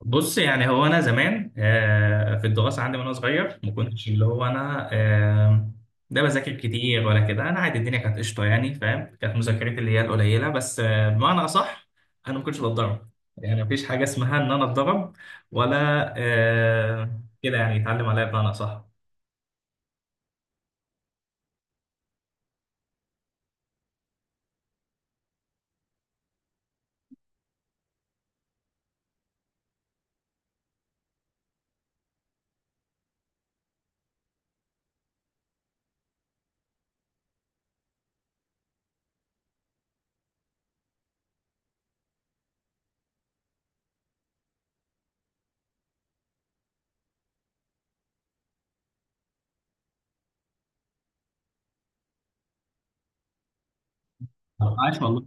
بص يعني هو انا زمان في الدراسه عندي وانا صغير ما كنتش اللي هو انا ده بذاكر كتير ولا كده. انا عادي، الدنيا كانت قشطه يعني فاهم، كانت مذاكرتي اللي هي القليله بس، بمعنى اصح انا ما كنتش بتضرب، يعني مفيش حاجه اسمها ان انا اتضرب ولا كده يعني يتعلم عليا بمعنى اصح. عاش والله.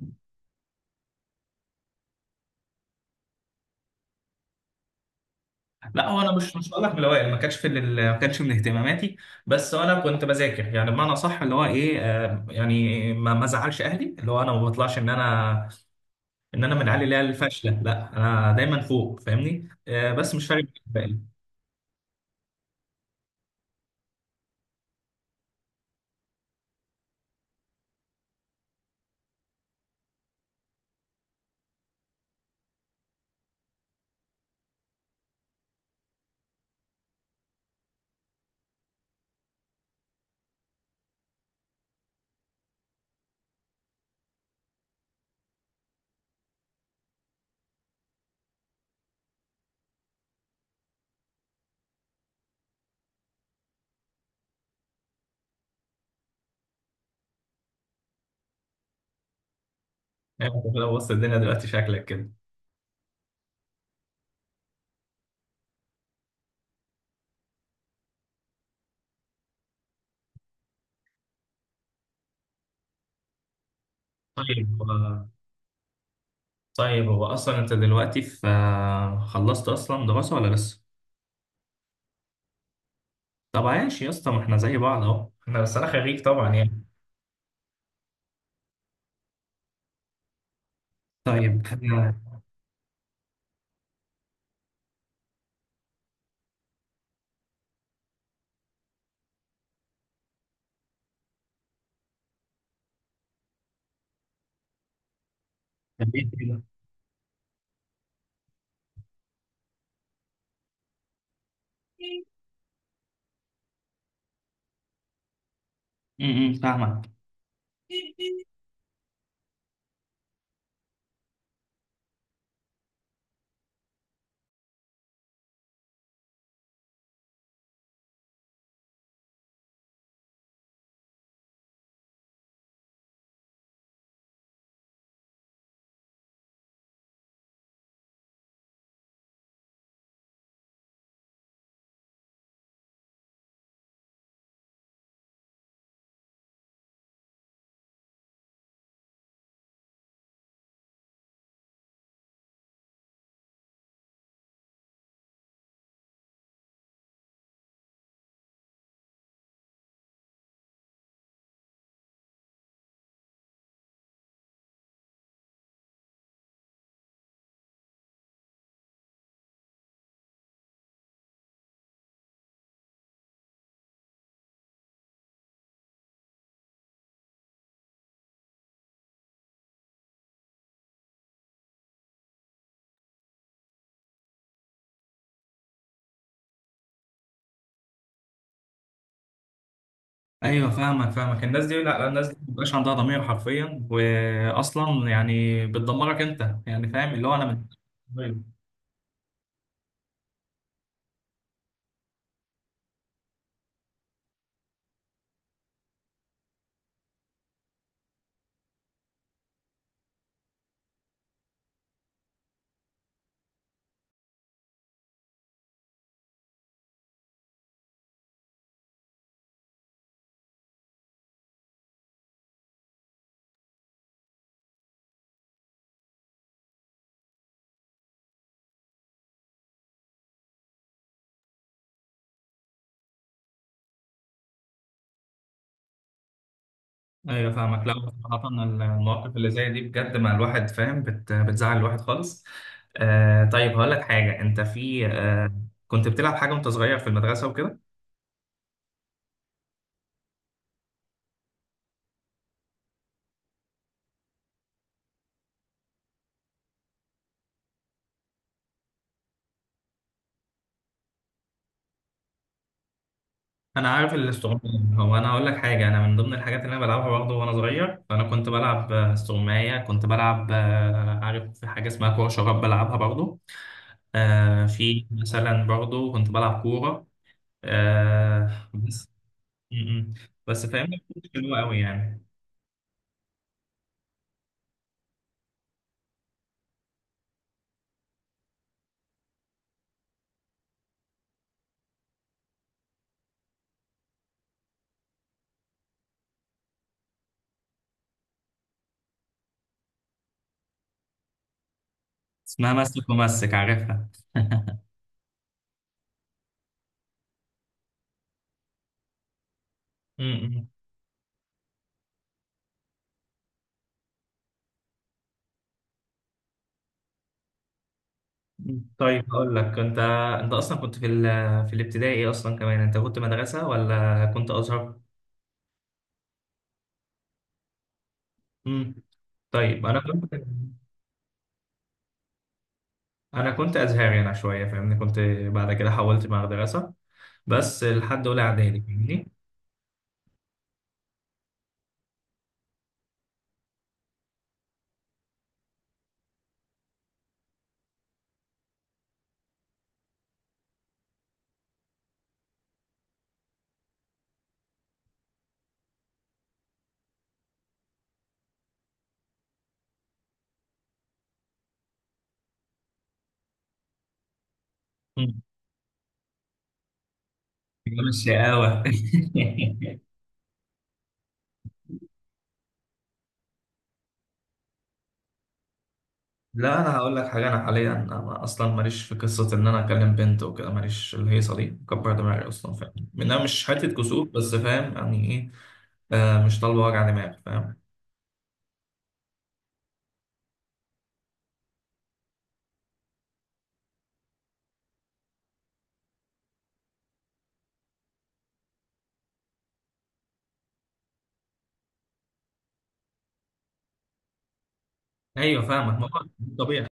لا هو انا مش هقول لك من الاوائل، ما كانش من اهتماماتي. بس انا كنت بذاكر يعني بمعنى صح، اللي هو ايه، يعني ما زعلش اهلي، اللي هو انا ما بطلعش ان انا من العيال اللي هي الفاشله. لا انا دايما فوق فاهمني، بس مش فارق معايا الباقي. يعني انت لو وسط الدنيا دلوقتي شكلك كده. طيب طيب هو اصلا انت دلوقتي في خلصت اصلا دراسه ولا لسه؟ طب عايش يا اسطى، ما احنا زي بعض اهو، احنا بس انا خريج طبعا يعني. طيب آه، خريج كده. امم، فاهمك. ايوه فاهمك فاهمك، الناس دي، لا لا، الناس دي مبقاش عندها ضمير حرفيا، واصلا يعني بتدمرك انت يعني، فاهم اللي هو انا من. طيب. ايوه فاهمك. لا صراحة، المواقف اللي زي دي بجد مع الواحد فاهم بتزعل الواحد خالص. طيب هقول لك حاجة. انت في كنت بتلعب حاجة وانت صغير في المدرسة وكده؟ انا عارف الاستغماية. هو انا هقول لك حاجة، انا من ضمن الحاجات اللي انا بلعبها برضه وانا صغير، فانا كنت بلعب استغماية، كنت بلعب عارف في حاجة اسمها كورة شراب، بلعبها برضه. في مثلا برضه كنت بلعب كورة. بس. م- م. بس فاهمني مش حلوة قوي يعني. اسمها مسك، ومسك عارفها. امم. طيب هقول لك. انت اصلا كنت في في الابتدائي ايه اصلا، كمان انت كنت مدرسه ولا كنت ازهر؟ امم. طيب انا كنت ازهري انا شويه فاهمني، كنت بعد كده حولت مدرسه، بس لحد اولى اعدادي فاهمني. مم. أيام الشقاوة. لا انا هقول لك حاجه، انا حاليا أنا اصلا ماليش في قصه ان انا اكلم بنت وكده، ماليش الهيصه دي، كبر دماغي اصلا، فاهم منها مش حته كسوف، بس فاهم يعني ايه؟ مش طالبه وجع دماغ فاهم. ايوه فاهمك ما هو طبيعي.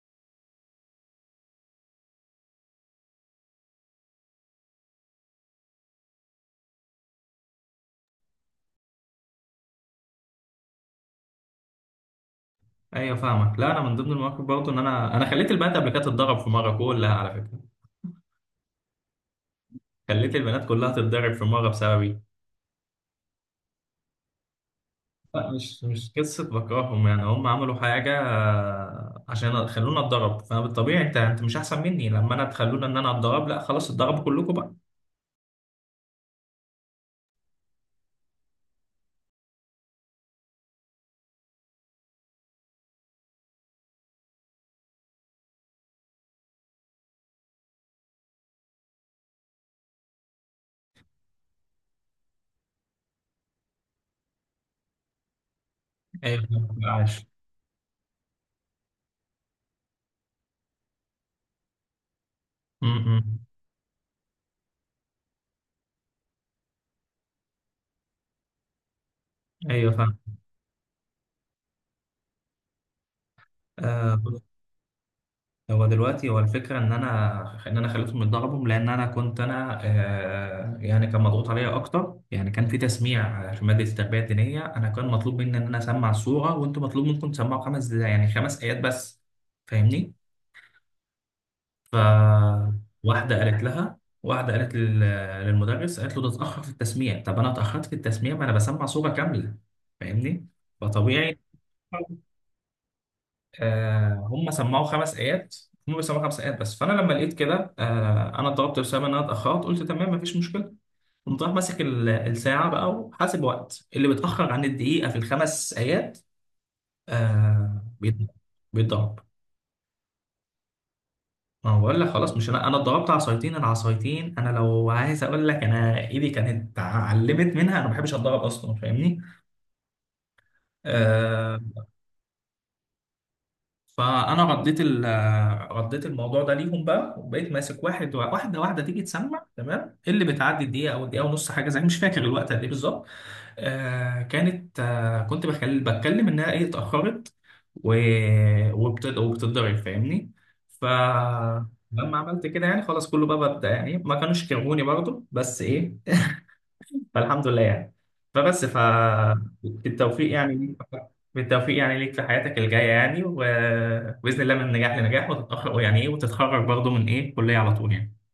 ايوه فاهمك. لا انا من ضمن المواقف برضه، ان انا خليت البنات قبل كده تتضرب في مره كلها، على فكره. خليت البنات كلها تتضرب في مره بسببي. لا مش قصه بكرههم، يعني هم عملوا حاجه، عشان خلونا اتضرب، فبالطبيعي انت مش احسن مني، لما انا تخلونا ان انا اتضرب، لا خلاص اتضربوا كلكم بقى. ايوه فاهمك، عاش. م- م. ايوه فاهم. آه هو دلوقتي، هو الفكره ان انا خليتهم يتضربوا، لان انا كنت انا، يعني كان مضغوط عليا اكتر، يعني كان في تسميع في ماده التربيه الدينيه، انا كان مطلوب مني ان انا اسمع السوره، وانتوا مطلوب منكم تسمعوا خمس، يعني 5 ايات بس، فاهمني. ف واحده قالت للمدرس، قالت له ده اتاخر في التسميع، طب انا اتاخرت في التسميع، ما انا بسمع سوره كامله فاهمني، فطبيعي. هم سمعوا 5 ايات، هم بيسمعوا 5 ايات بس، فانا لما لقيت كده، انا ضربت بسبب ان انا اتاخرت، قلت تمام مفيش مشكله. قمت رايح ماسك الساعه بقى، وحاسب وقت اللي بيتاخر عن الدقيقه في الخمس ايات آه بيت- بيتضرب. ما هو بقول لك خلاص، مش انا اتضربت عصايتين. العصايتين انا لو عايز اقول لك، انا ايدي كانت اتعلمت منها، انا ما بحبش اتضرب اصلا فاهمني. آه، فانا رديت رديت الموضوع ده ليهم بقى، وبقيت ماسك واحده تيجي تسمع، تمام، اللي بتعدي الدقيقه او الدقيقه ونص، حاجه زي، مش فاكر الوقت قد ايه بالظبط. آه كانت آه كنت بتكلم انها ايه اتاخرت و... وبتتضرب فاهمني. فلما عملت كده يعني خلاص، كله بقى بدأ يعني ما كانوش كرهوني برضه بس ايه، فالحمد لله يعني. فبس بالتوفيق يعني ليك في حياتك الجاية يعني، وبإذن الله من نجاح لنجاح، وتتأخر يعني إيه وتتخرج برضه من إيه كلية على طول يعني.